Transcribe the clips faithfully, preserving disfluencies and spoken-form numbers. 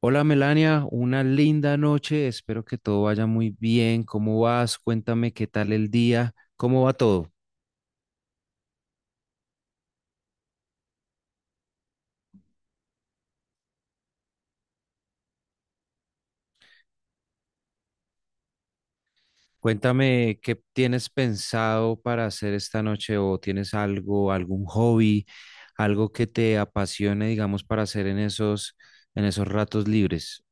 Hola Melania, una linda noche, espero que todo vaya muy bien. ¿Cómo vas? Cuéntame qué tal el día, cómo va todo. Cuéntame qué tienes pensado para hacer esta noche o tienes algo, algún hobby, algo que te apasione, digamos, para hacer en esos, en esos ratos libres.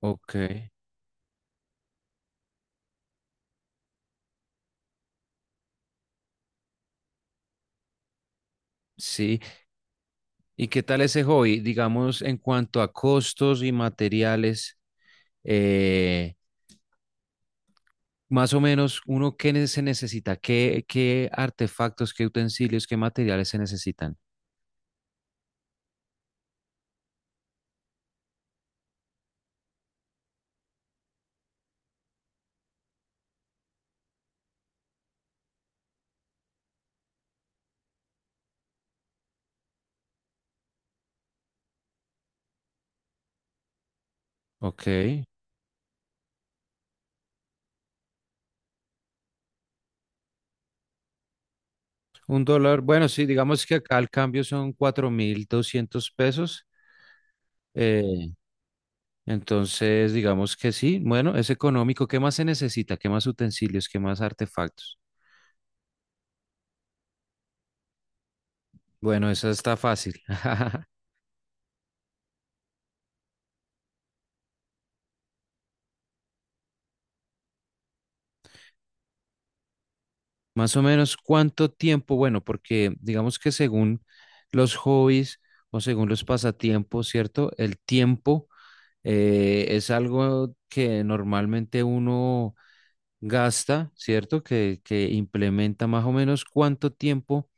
Ok, sí. ¿Y qué tal ese hobby? Digamos, en cuanto a costos y materiales, eh, más o menos, uno, ¿qué ne- se necesita? ¿Qué, qué artefactos, qué utensilios, qué materiales se necesitan? Ok. Un dólar, bueno, sí, digamos que acá el cambio son cuatro mil doscientos pesos. eh, entonces, digamos que sí, bueno, es económico. ¿Qué más se necesita? ¿Qué más utensilios? ¿Qué más artefactos? Bueno, esa está fácil. Más o menos, ¿cuánto tiempo? Bueno, porque digamos que según los hobbies o según los pasatiempos, ¿cierto? El tiempo, Eh, es algo que normalmente uno gasta, ¿cierto? Que, que implementa más o menos cuánto tiempo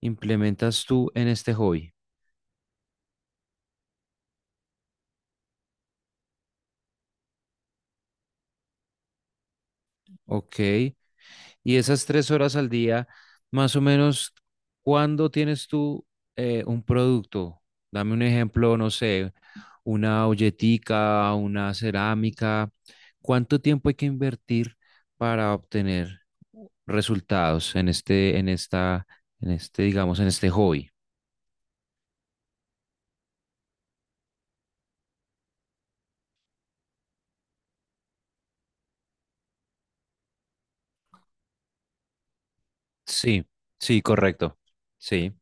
implementas tú en este hobby. Ok, y esas tres horas al día, más o menos, ¿cuándo tienes tú eh, un producto? Dame un ejemplo, no sé, una olletica, una cerámica. ¿Cuánto tiempo hay que invertir para obtener resultados en este, en esta, en este, digamos, en este hobby? Sí, sí, correcto. Sí.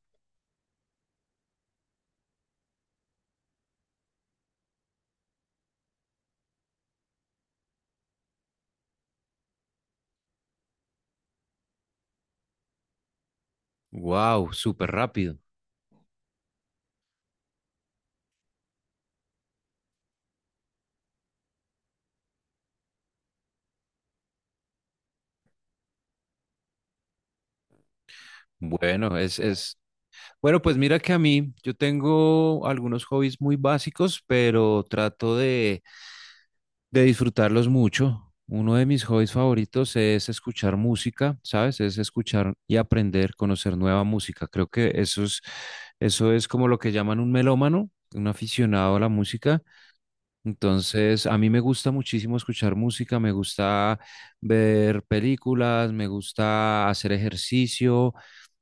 Wow, súper rápido. Bueno, es, es, Bueno, pues mira que a mí yo tengo algunos hobbies muy básicos, pero trato de, de disfrutarlos mucho. Uno de mis hobbies favoritos es escuchar música, ¿sabes? Es escuchar y aprender, conocer nueva música. Creo que eso es, eso es como lo que llaman un melómano, un aficionado a la música. Entonces, a mí me gusta muchísimo escuchar música, me gusta ver películas, me gusta hacer ejercicio.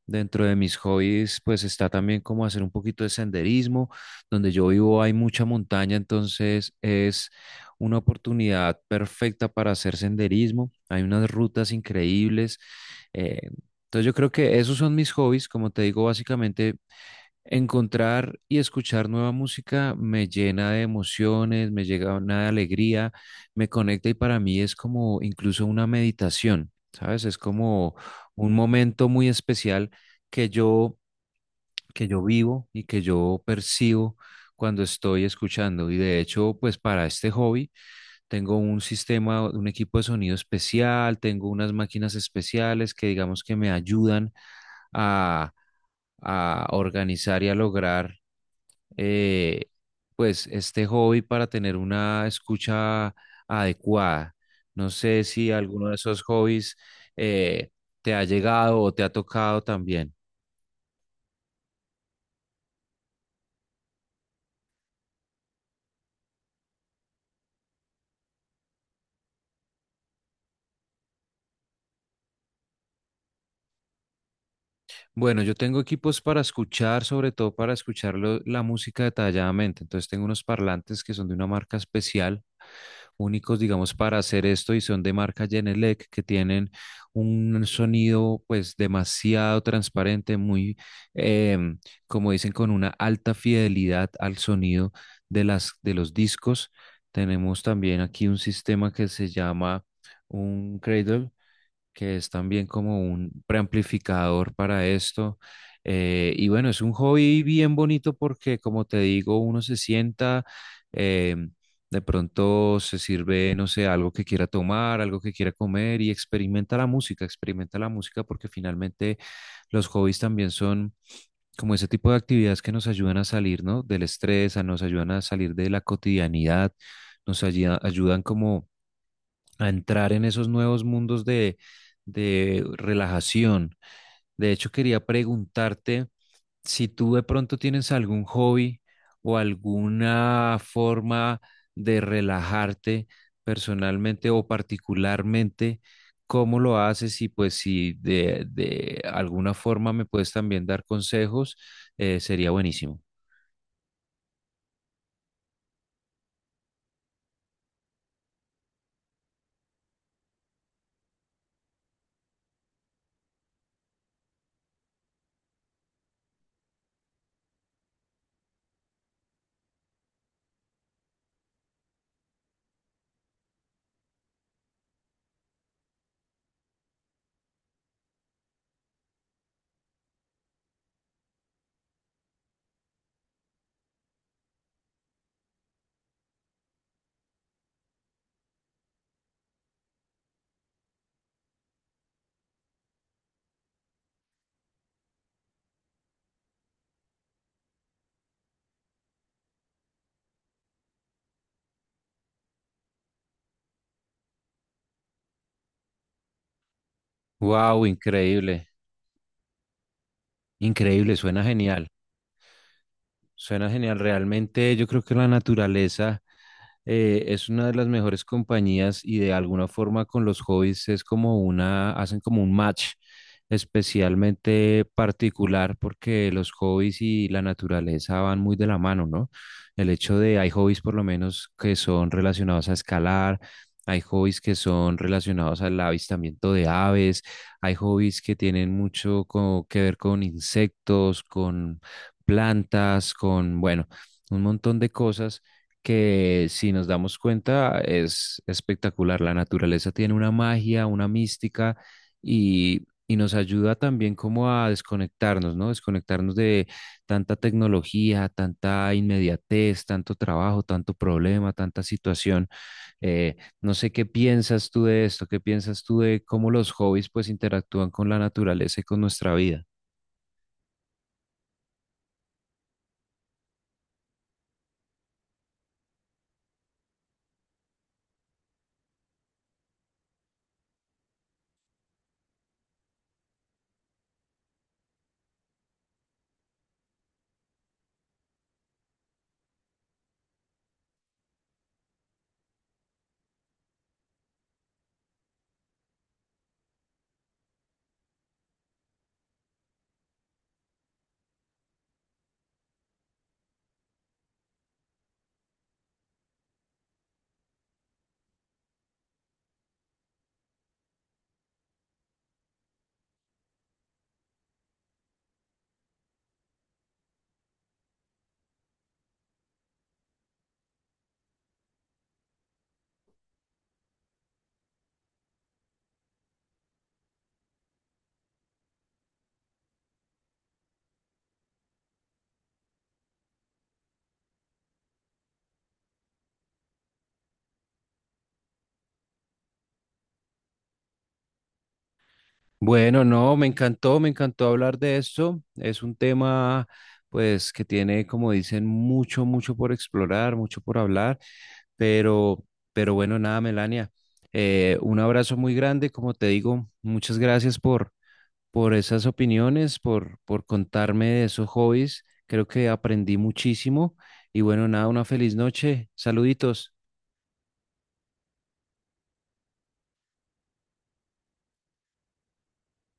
Dentro de mis hobbies, pues está también como hacer un poquito de senderismo. Donde yo vivo hay mucha montaña, entonces es una oportunidad perfecta para hacer senderismo. Hay unas rutas increíbles. eh, entonces yo creo que esos son mis hobbies. Como te digo, básicamente encontrar y escuchar nueva música me llena de emociones, me llega una alegría, me conecta y para mí es como incluso una meditación, ¿sabes? Es como un momento muy especial que yo, que yo vivo y que yo percibo cuando estoy escuchando. Y de hecho, pues para este hobby tengo un sistema, un equipo de sonido especial, tengo unas máquinas especiales que digamos que me ayudan a, a organizar y a lograr, eh, pues este hobby, para tener una escucha adecuada. No sé si alguno de esos hobbies eh, te ha llegado o te ha tocado también. Bueno, yo tengo equipos para escuchar, sobre todo para escuchar lo- la música detalladamente. Entonces tengo unos parlantes que son de una marca especial, únicos, digamos, para hacer esto y son de marca Genelec, que tienen un sonido pues demasiado transparente, muy, em, como dicen, con una alta fidelidad al sonido de las, de los discos. Tenemos también aquí un sistema que se llama un cradle, que es también como un preamplificador para esto. Eh, y bueno, es un hobby bien bonito porque, como te digo, uno se sienta, eh, de pronto se sirve, no sé, algo que quiera tomar, algo que quiera comer y experimenta la música, experimenta la música porque finalmente los hobbies también son como ese tipo de actividades que nos ayudan a salir, ¿no? Del estrés, a- nos ayudan a salir de la cotidianidad, nos ayu- ayudan como a entrar en esos nuevos mundos de, de relajación. De hecho, quería preguntarte si tú de pronto tienes algún hobby o alguna forma de relajarte personalmente o particularmente, cómo lo haces y pues si de, de alguna forma me puedes también dar consejos. Eh, sería buenísimo. Wow, increíble, increíble, suena genial. Suena genial. Realmente yo creo que la naturaleza, eh, es una de las mejores compañías y de alguna forma con los hobbies es como una, hacen como un match especialmente particular porque los hobbies y la naturaleza van muy de la mano, ¿no? El hecho de hay hobbies por lo menos que son relacionados a escalar, hay hobbies que son relacionados al avistamiento de aves, hay hobbies que tienen mucho co- que ver con insectos, con plantas, con, bueno, un montón de cosas que si nos damos cuenta es espectacular. La naturaleza tiene una magia, una mística y, y nos ayuda también como a desconectarnos, ¿no? Desconectarnos de tanta tecnología, tanta inmediatez, tanto trabajo, tanto problema, tanta situación. Eh, no sé qué piensas tú de esto, qué piensas tú de cómo los hobbies pues interactúan con la naturaleza y con nuestra vida. Bueno, no, me encantó, me encantó hablar de esto. Es un tema, pues, que tiene, como dicen, mucho, mucho por explorar, mucho por hablar, pero, pero bueno, nada, Melania. Eh, un abrazo muy grande, como te digo, muchas gracias por, por esas opiniones, por, por contarme de esos hobbies. Creo que aprendí muchísimo y bueno, nada, una feliz noche. Saluditos.